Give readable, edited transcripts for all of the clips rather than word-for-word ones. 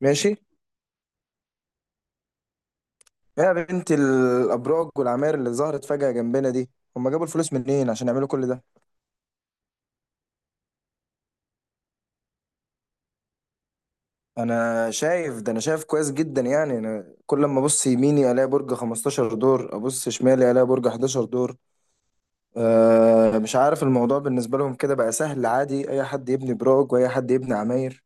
ماشي، يا بنت الابراج والعماير اللي ظهرت فجأة جنبنا دي، هم جابوا الفلوس منين عشان يعملوا كل ده؟ انا شايف ده، انا شايف كويس جدا. يعني انا كل ما ابص يميني الاقي برج 15 دور، ابص شمالي الاقي برج 11 دور. مش عارف الموضوع بالنسبة لهم كده بقى سهل، عادي اي حد يبني براج واي حد يبني عماير.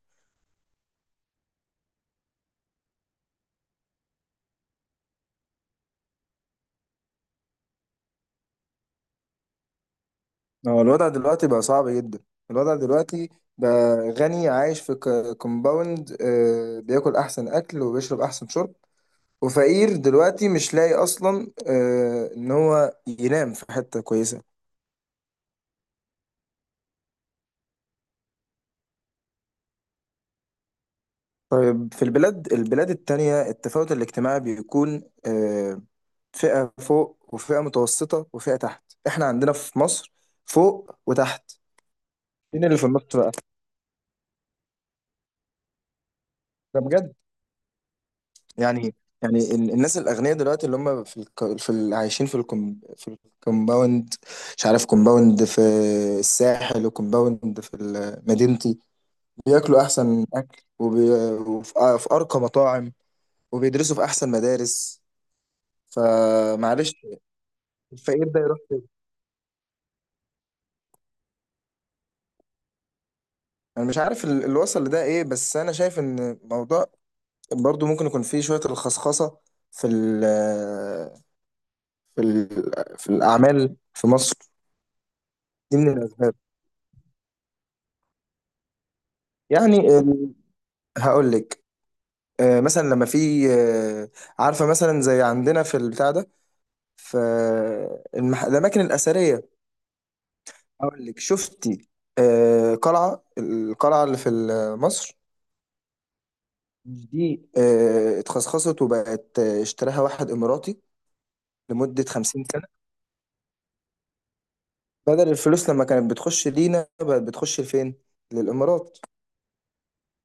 هو الوضع دلوقتي بقى صعب جدا. الوضع دلوقتي بقى غني عايش في كومباوند، بياكل احسن اكل وبيشرب احسن شرب، وفقير دلوقتي مش لاقي اصلا ان هو ينام في حته كويسه. طيب في البلاد التانية التفاوت الاجتماعي بيكون فئه فوق وفئه متوسطه وفئه تحت. احنا عندنا في مصر فوق وتحت. مين اللي في النص بقى؟ ده بجد؟ يعني يعني الناس الاغنياء دلوقتي اللي هم في الك... في ال... عايشين في الكومباوند، مش عارف كومباوند في الساحل وكومباوند في مدينتي. بياكلوا احسن اكل وبي... وفي آه، في ارقى مطاعم، وبيدرسوا في احسن مدارس. فمعلش. الفقير ده يروح فين؟ انا مش عارف اللي وصل لده ايه، بس انا شايف ان الموضوع برضو ممكن يكون فيه شوية الخصخصة في ال... في ال... في الاعمال في مصر. دي من الاسباب. يعني هقول لك. مثلا لما في عارفة مثلا زي عندنا في البتاع ده، في الأماكن الأثرية. اقول لك، شفتي؟ آه القلعه اللي في مصر، مش دي اتخصخصت وبقت، اشتراها واحد اماراتي لمده 50 سنه. بدل الفلوس لما كانت بتخش لينا بقت بتخش لفين؟ للامارات.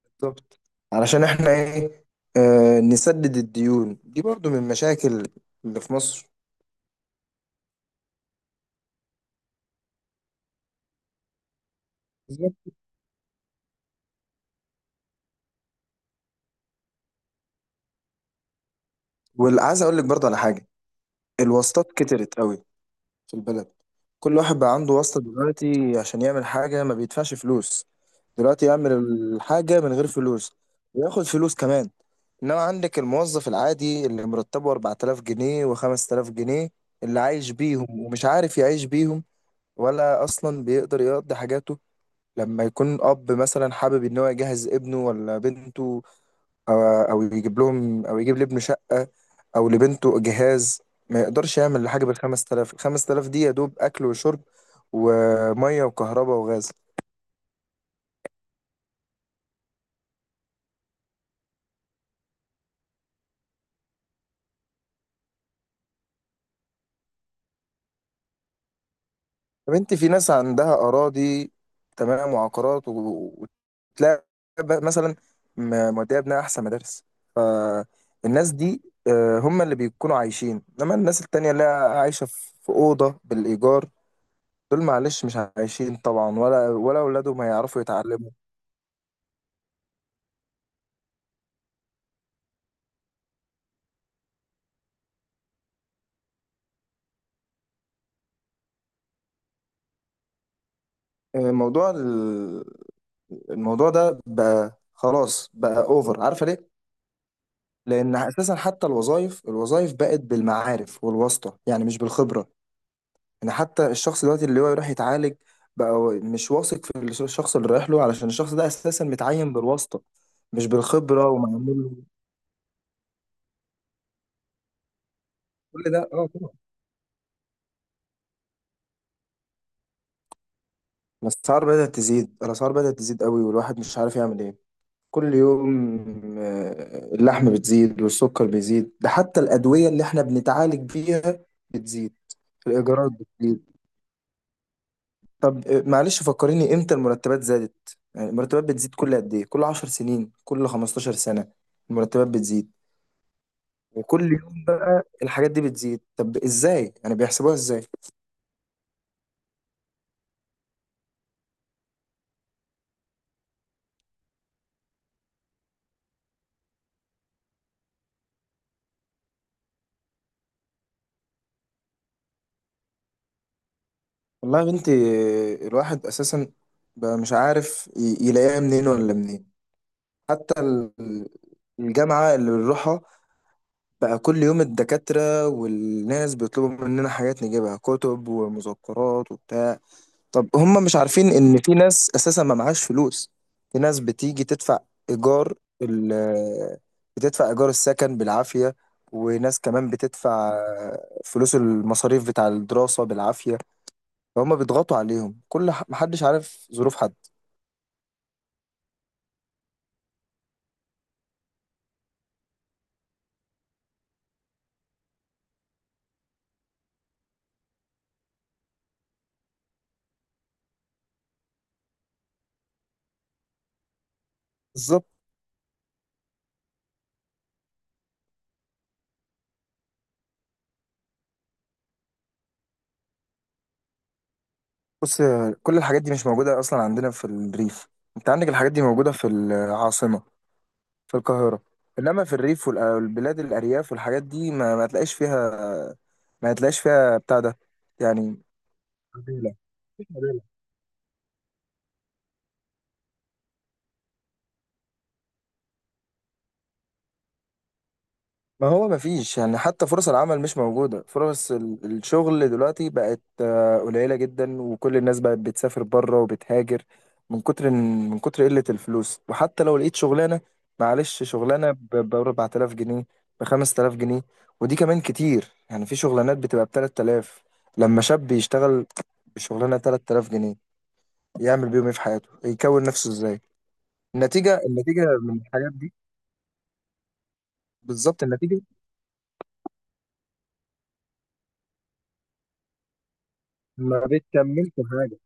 بالظبط. علشان احنا ايه، نسدد الديون. دي برضو من المشاكل اللي في مصر. بالظبط. وعايز اقول لك برضو على حاجه. الواسطات كترت قوي في البلد. كل واحد بقى عنده واسطة دلوقتي عشان يعمل حاجة ما بيدفعش فلوس. دلوقتي يعمل الحاجة من غير فلوس وياخد فلوس كمان. انما عندك الموظف العادي اللي مرتبه 4000 جنيه و5000 جنيه، اللي عايش بيهم ومش عارف يعيش بيهم، ولا اصلا بيقدر يقضي حاجاته. لما يكون اب مثلا حابب ان هو يجهز ابنه ولا بنته، او يجيب لهم، او يجيب لابنه شقه او لبنته جهاز. ما يقدرش يعمل حاجه بال 5000، ال 5000 دي يا دوب اكل وشرب، وميه وكهرباء وغاز. طب انت في ناس عندها اراضي تمام، وعقارات و- وتلاقي، مثلا موديه ابنها احسن مدارس. فالناس دي، هم اللي بيكونوا عايشين. انما الناس التانية اللي عايشه في اوضه بالايجار، دول معلش مش عايشين طبعا، ولا اولادهم هيعرفوا يتعلموا. موضوع ال- الموضوع ده بقى خلاص بقى اوفر. عارفه ليه؟ لان اساسا حتى الوظائف بقت بالمعارف والواسطه، يعني مش بالخبره. يعني حتى الشخص دلوقتي اللي هو يروح يتعالج، بقى هو مش واثق في الشخص اللي رايح له، علشان الشخص ده اساسا متعين بالواسطه مش بالخبره ومعمول له. كل ده اه طبعا. الاسعار بدات تزيد، الاسعار بدات تزيد قوي، والواحد مش عارف يعمل ايه. كل يوم اللحم بتزيد والسكر بيزيد. ده حتى الأدوية اللي احنا بنتعالج بيها بتزيد. الإيجارات بتزيد. طب معلش فكريني امتى المرتبات زادت؟ يعني المرتبات بتزيد كل قد ايه؟ كل 10 سنين؟ كل 15 سنة؟ المرتبات بتزيد. وكل يوم بقى الحاجات دي بتزيد. طب ازاي يعني بيحسبوها ازاي؟ والله يا بنتي. الواحد اساسا بقى مش عارف يلاقيها منين ولا منين. حتى الجامعة اللي بنروحها، بقى كل يوم الدكاترة والناس بيطلبوا مننا حاجات نجيبها، كتب ومذكرات وبتاع. طب هم مش عارفين إن في ناس أساسا ما معهاش فلوس؟ في ناس بتيجي تدفع إيجار ال بتدفع إيجار السكن بالعافية، وناس كمان بتدفع فلوس المصاريف بتاع الدراسة بالعافية. فهم بيضغطوا عليهم، محدش عارف ظروف حد. بالظبط. بص، كل الحاجات دي مش موجودة أصلا عندنا في الريف. أنت عندك الحاجات دي موجودة في العاصمة، في القاهرة. إنما في الريف والبلاد الأرياف والحاجات دي، ما تلاقيش فيها. ما تلاقيش فيها بتاع ده يعني. مجالة. مفيش مجالة. ما هو ما فيش. يعني حتى فرص العمل مش موجودة. فرص الشغل دلوقتي بقت قليلة جدا، وكل الناس بقت بتسافر بره وبتهاجر من كتر إن- من كتر قلة الفلوس. وحتى لو لقيت شغلانة، معلش شغلانة ب 4000 جنيه، ب 5000 جنيه، ودي كمان كتير. يعني في شغلانات بتبقى ب 3000. لما شاب يشتغل شغلانه 3000 جنيه، يعمل بيهم ايه في حياته؟ يكون نفسه ازاي؟ النتيجه من الحاجات دي. بالظبط. النتيجه. ما بتكملش حاجه.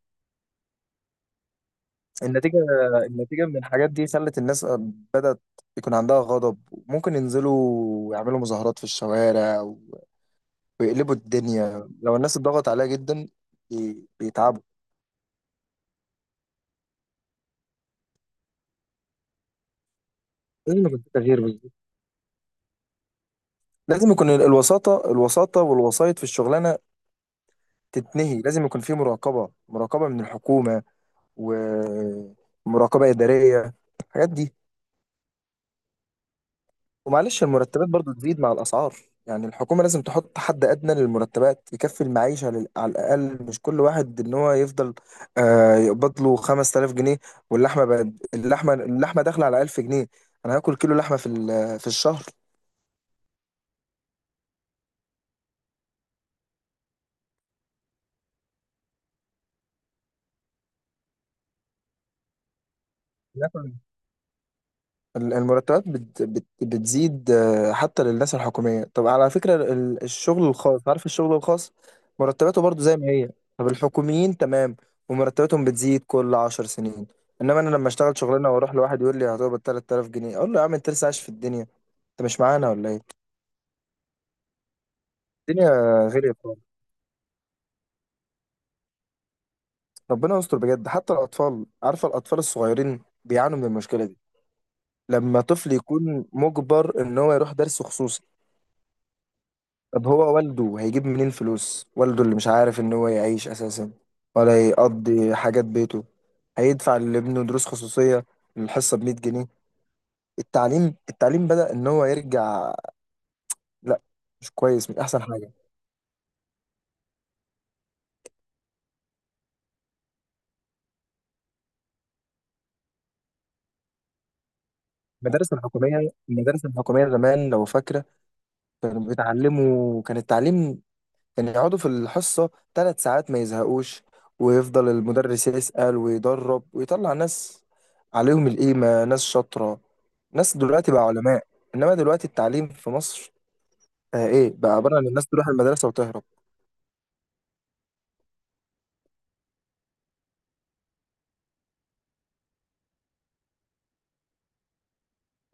النتيجه النتيجه من الحاجات دي خلت الناس بدأت يكون عندها غضب. ممكن ينزلوا يعملوا مظاهرات في الشوارع و- ويقلبوا الدنيا لو الناس اتضغط عليها جدا. بيتعبوا. لازم يكون في تغيير بالظبط. لازم يكون الوساطه والوسايط في الشغلانه تتنهي. لازم يكون في مراقبه من الحكومه، ومراقبة إدارية الحاجات دي. ومعلش المرتبات برضو تزيد مع الأسعار. يعني الحكومة لازم تحط حد أدنى للمرتبات يكفي المعيشة، على الأقل. مش كل واحد إن هو يفضل يقبض له 5000 جنيه واللحمة بقت. اللحمة داخلة على 1000 جنيه. أنا هاكل كيلو لحمة في في الشهر؟ المرتبات بت بتزيد حتى للناس الحكومية. طب على فكرة الشغل الخاص، عارف الشغل الخاص؟ مرتباته برضو زي ما هي. طب الحكوميين تمام، ومرتباتهم بتزيد كل 10 سنين. انما انا لما اشتغل شغلانة واروح لواحد يقول لي هتقبض 3000 جنيه، اقول له يا عم، انت لسه عايش في الدنيا؟ انت مش معانا ولا ايه؟ الدنيا غير خالص. ربنا يستر بجد. حتى الاطفال، عارفة؟ الاطفال الصغيرين بيعانوا من المشكلة دي. لما طفل يكون مجبر ان هو يروح درس خصوصي، طب هو والده هيجيب منين فلوس؟ والده اللي مش عارف ان هو يعيش اساسا ولا يقضي حاجات بيته، هيدفع لابنه دروس خصوصية الحصة ب 100 جنيه؟ التعليم بدأ ان هو يرجع. لا، مش كويس، مش احسن حاجة. المدارس الحكومية زمان، لو فاكرة، كانوا بيتعلموا. كان التعليم ان يقعدوا في الحصة 3 ساعات ما يزهقوش، ويفضل المدرس يسأل ويدرب ويطلع ناس عليهم القيمة، ناس شاطرة، ناس دلوقتي بقى علماء. انما دلوقتي التعليم في مصر ايه بقى عبارة عن الناس تروح المدرسة وتهرب.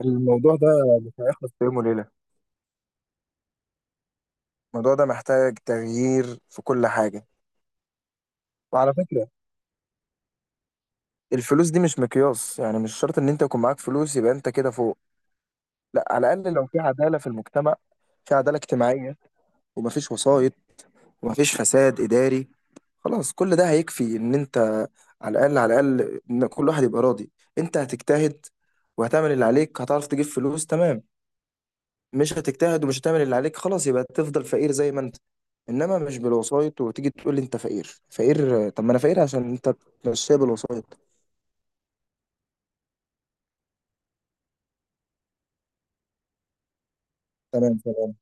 الموضوع ده مش هيخلص في يوم وليلة. الموضوع ده محتاج تغيير في كل حاجة. وعلى فكرة، الفلوس دي مش مقياس، يعني مش شرط ان انت يكون معاك فلوس يبقى انت كده فوق. لا، على الاقل لو في عدالة في المجتمع، في عدالة اجتماعية، ومفيش وسايط ومفيش فساد إداري، خلاص كل ده هيكفي. إن أنت، على الأقل، إن كل واحد يبقى راضي. أنت هتجتهد، وهتعمل اللي عليك، هتعرف تجيب فلوس، تمام. مش هتجتهد ومش هتعمل اللي عليك، خلاص يبقى تفضل فقير زي ما أنت. إنما مش بالوسايط، وتيجي تقول لي أنت فقير فقير؟ طب ما أنا فقير عشان أنت بتمشيها بالوسايط. تمام.